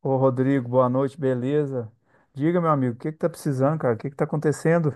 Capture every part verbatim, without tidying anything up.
Ô Rodrigo, boa noite, beleza? Diga, meu amigo, o que que tá precisando, cara? O que que tá acontecendo?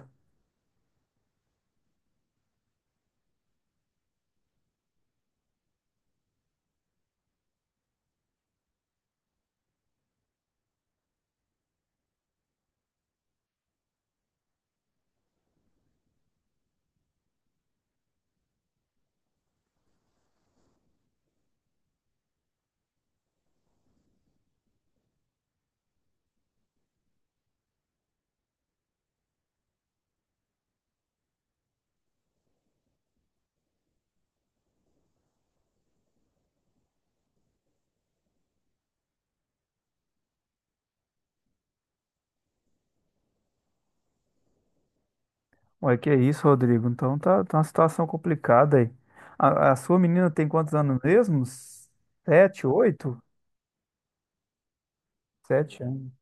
Ué, que é isso, Rodrigo? Então tá, tá uma situação complicada aí. A, a sua menina tem quantos anos mesmo? Sete, oito? Sete anos.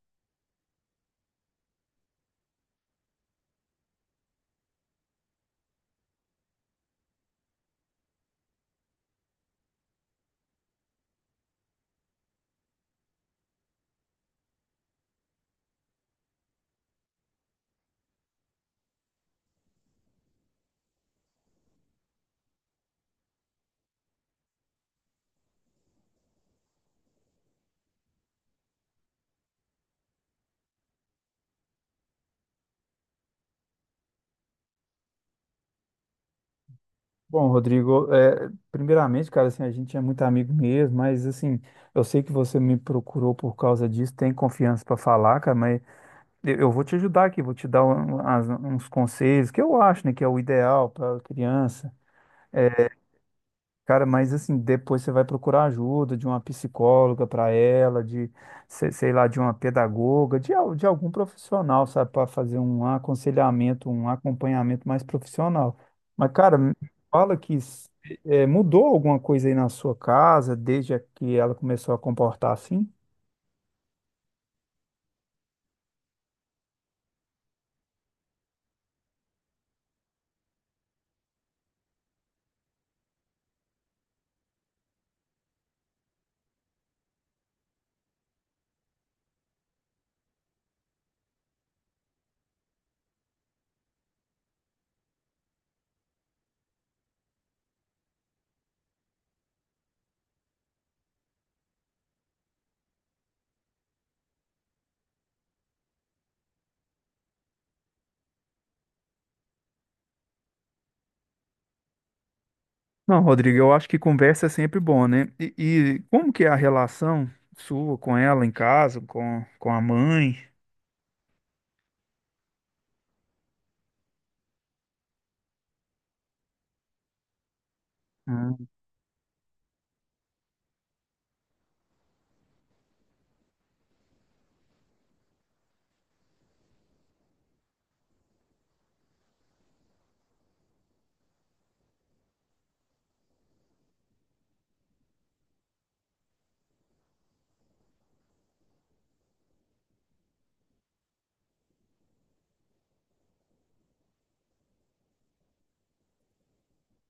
Bom, Rodrigo, é, primeiramente, cara, assim, a gente é muito amigo mesmo, mas assim, eu sei que você me procurou por causa disso, tem confiança para falar, cara, mas eu eu vou te ajudar aqui, vou te dar um- as- uns conselhos que eu acho, né, que é o ideal pra criança. É, Cara, mas assim, depois você vai procurar ajuda de uma psicóloga para ela, de, se- sei lá, de uma pedagoga, de, al- de algum profissional, sabe, para fazer um aconselhamento, um acompanhamento mais profissional. Mas, cara, me fala que s- eh, mudou alguma coisa aí na sua casa desde que ela começou a comportar assim? Não, Rodrigo, eu acho que conversa é sempre bom, né? E, e como que é a relação sua com ela em casa, com, com a mãe?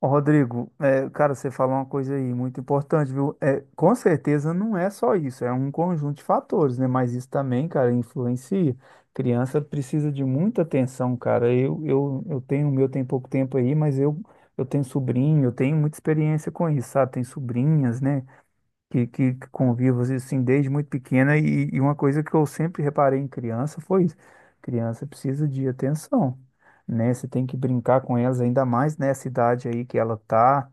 Ô, Rodrigo, é, cara, você falou uma coisa aí muito importante, viu? É, com certeza não é só isso, é um conjunto de fatores, né? Mas isso também, cara, influencia. Criança precisa de muita atenção, cara. Eu, eu, eu tenho, o meu tem pouco tempo aí, mas eu, eu tenho sobrinho, eu tenho muita experiência com isso, sabe? Tem sobrinhas, né? que, que que convivo assim assim, desde muito pequena e, e uma coisa que eu sempre reparei em criança foi isso. Criança precisa de atenção, né? Você tem que brincar com elas ainda mais nessa idade aí que ela tá,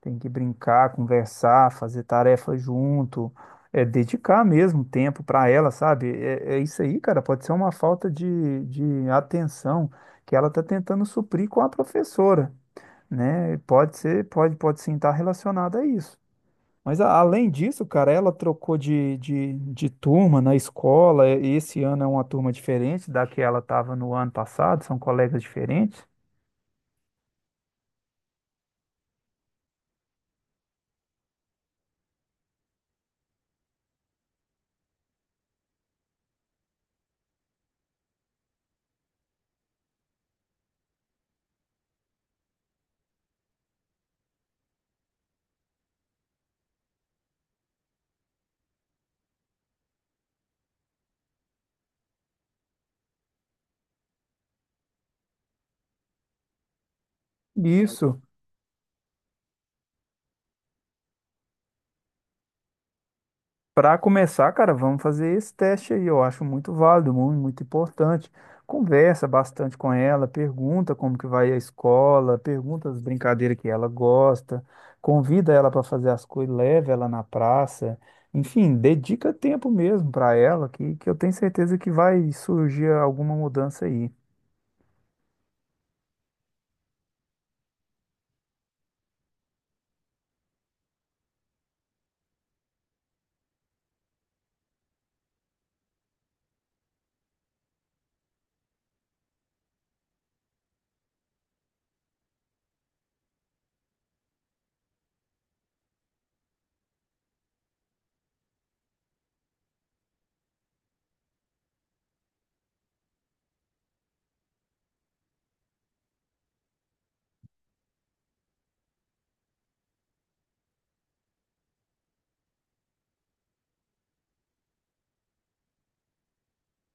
tem que brincar, conversar, fazer tarefa junto, é dedicar mesmo tempo para ela, sabe? É, é isso aí, cara, pode ser uma falta de, de atenção que ela tá tentando suprir com a professora. Né? Pode ser, pode, pode sim estar relacionada a isso. Mas a- além disso, cara, ela trocou de, de, de turma na escola. e Esse ano é uma turma diferente da que ela estava no ano passado, são colegas diferentes. Isso. Para começar, cara, vamos fazer esse teste aí. Eu acho muito válido, muito, muito importante. Conversa bastante com ela, pergunta como que vai a escola, pergunta as brincadeiras que ela gosta, convida ela para fazer as coisas, leva ela na praça. Enfim, dedica tempo mesmo para ela, que, que eu tenho certeza que vai surgir alguma mudança aí.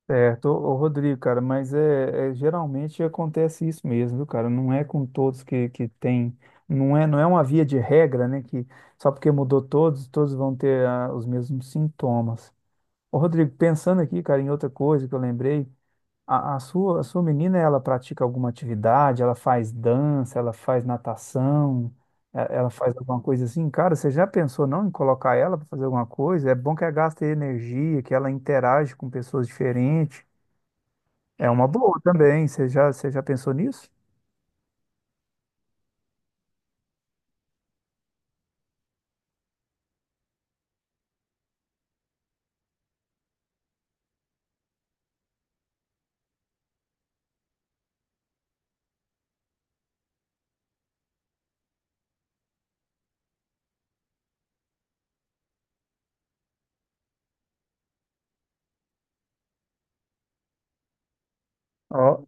Certo, ô, ô, Rodrigo, cara, mas é, é- geralmente acontece isso mesmo, viu, cara? Não é com todos que, que tem, não é, não é uma via de regra, né? Que só porque mudou todos, todos vão ter ah, os mesmos sintomas. Ô, Rodrigo, pensando aqui, cara, em outra coisa que eu lembrei, a, a sua, a sua menina, ela pratica alguma atividade, ela faz dança, ela faz natação, e- ela faz alguma coisa assim, cara, você já pensou não em colocar ela para fazer alguma coisa? É bom que ela gaste energia, que ela interage com pessoas diferentes. É uma boa também. Você já, você já pensou nisso? Ó,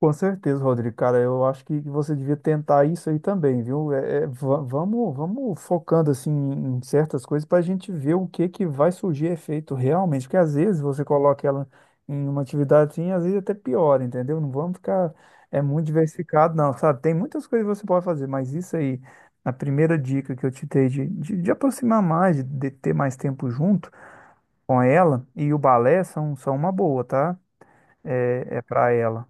com certeza, Rodrigo. Cara, eu acho que você devia tentar isso aí também, viu? É, é, va- vamos, vamos focando assim em certas coisas para a gente ver o que que vai surgir efeito realmente. Porque às vezes você coloca ela em uma atividade assim, às vezes até pior, entendeu? Não vamos ficar é muito diversificado, não, sabe? Tem muitas coisas que você pode fazer, mas isso aí, a primeira dica que eu te dei de, de, de aproximar mais, de de ter mais tempo junto com ela e o balé são, são uma boa, tá? É, é para ela.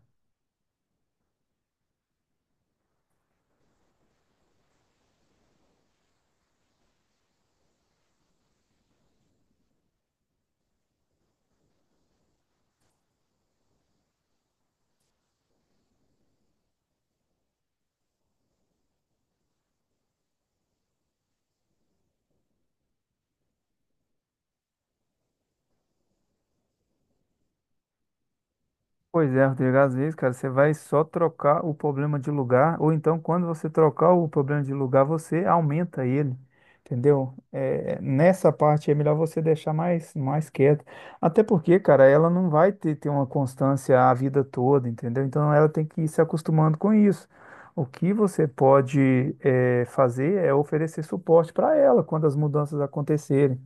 Pois é, Rodrigo, às vezes, cara, você vai só trocar o problema de lugar, ou então quando você trocar o problema de lugar, você aumenta ele, entendeu? É, nessa parte é melhor você deixar mais, mais quieto. Até porque, cara, ela não vai ter, ter uma constância a vida toda, entendeu? Então ela tem que ir se acostumando com isso. O que você pode, é, fazer é oferecer suporte para ela quando as mudanças acontecerem.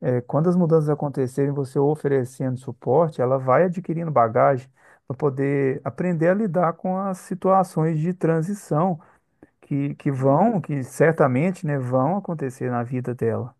É, quando as mudanças acontecerem, você oferecendo suporte, ela vai adquirindo bagagem para poder aprender a lidar com as situações de transição que, que vão, que certamente, né, vão acontecer na vida dela.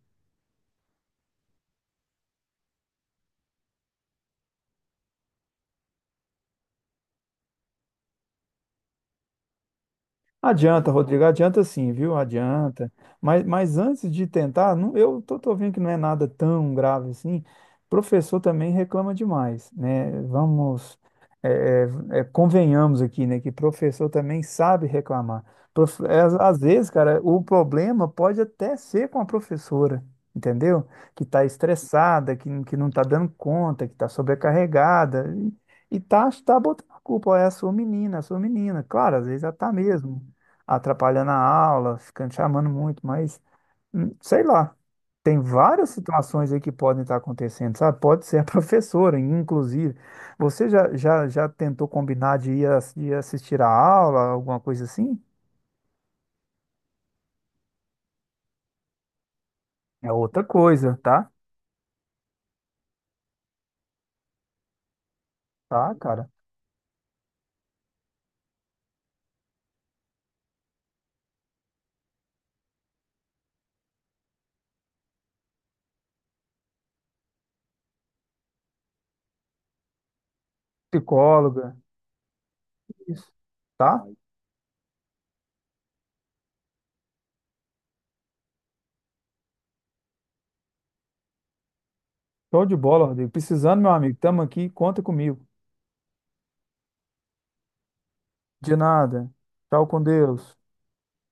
Adianta, Rodrigo, adianta sim, viu? Adianta. Mas, mas antes de tentar, não- eu tô, tô vendo que não é nada tão grave assim. Professor também reclama demais, né? Vamos, é, é, é, convenhamos aqui, né? Que professor também sabe reclamar. Prof- é, Às às vezes, cara, o problema pode até ser com a professora, entendeu? Que está estressada, que, que não está dando conta, que está sobrecarregada. E, e tá, tá botando a culpa, ó, é a sua menina, é a sua menina. Claro, às vezes ela tá mesmo atrapalhando a aula, ficando chamando muito, mas hum, sei lá. Tem várias situações aí que podem estar acontecendo, sabe? Pode ser a professora, inclusive. Você já, já, já tentou combinar de ir, ass- ir assistir a aula, alguma coisa assim? É outra coisa, tá? Tá, cara. Psicóloga, isso, tá? Show de bola, Rodrigo. Precisando, meu amigo, tamo aqui, conta comigo. De nada. Tchau com Deus.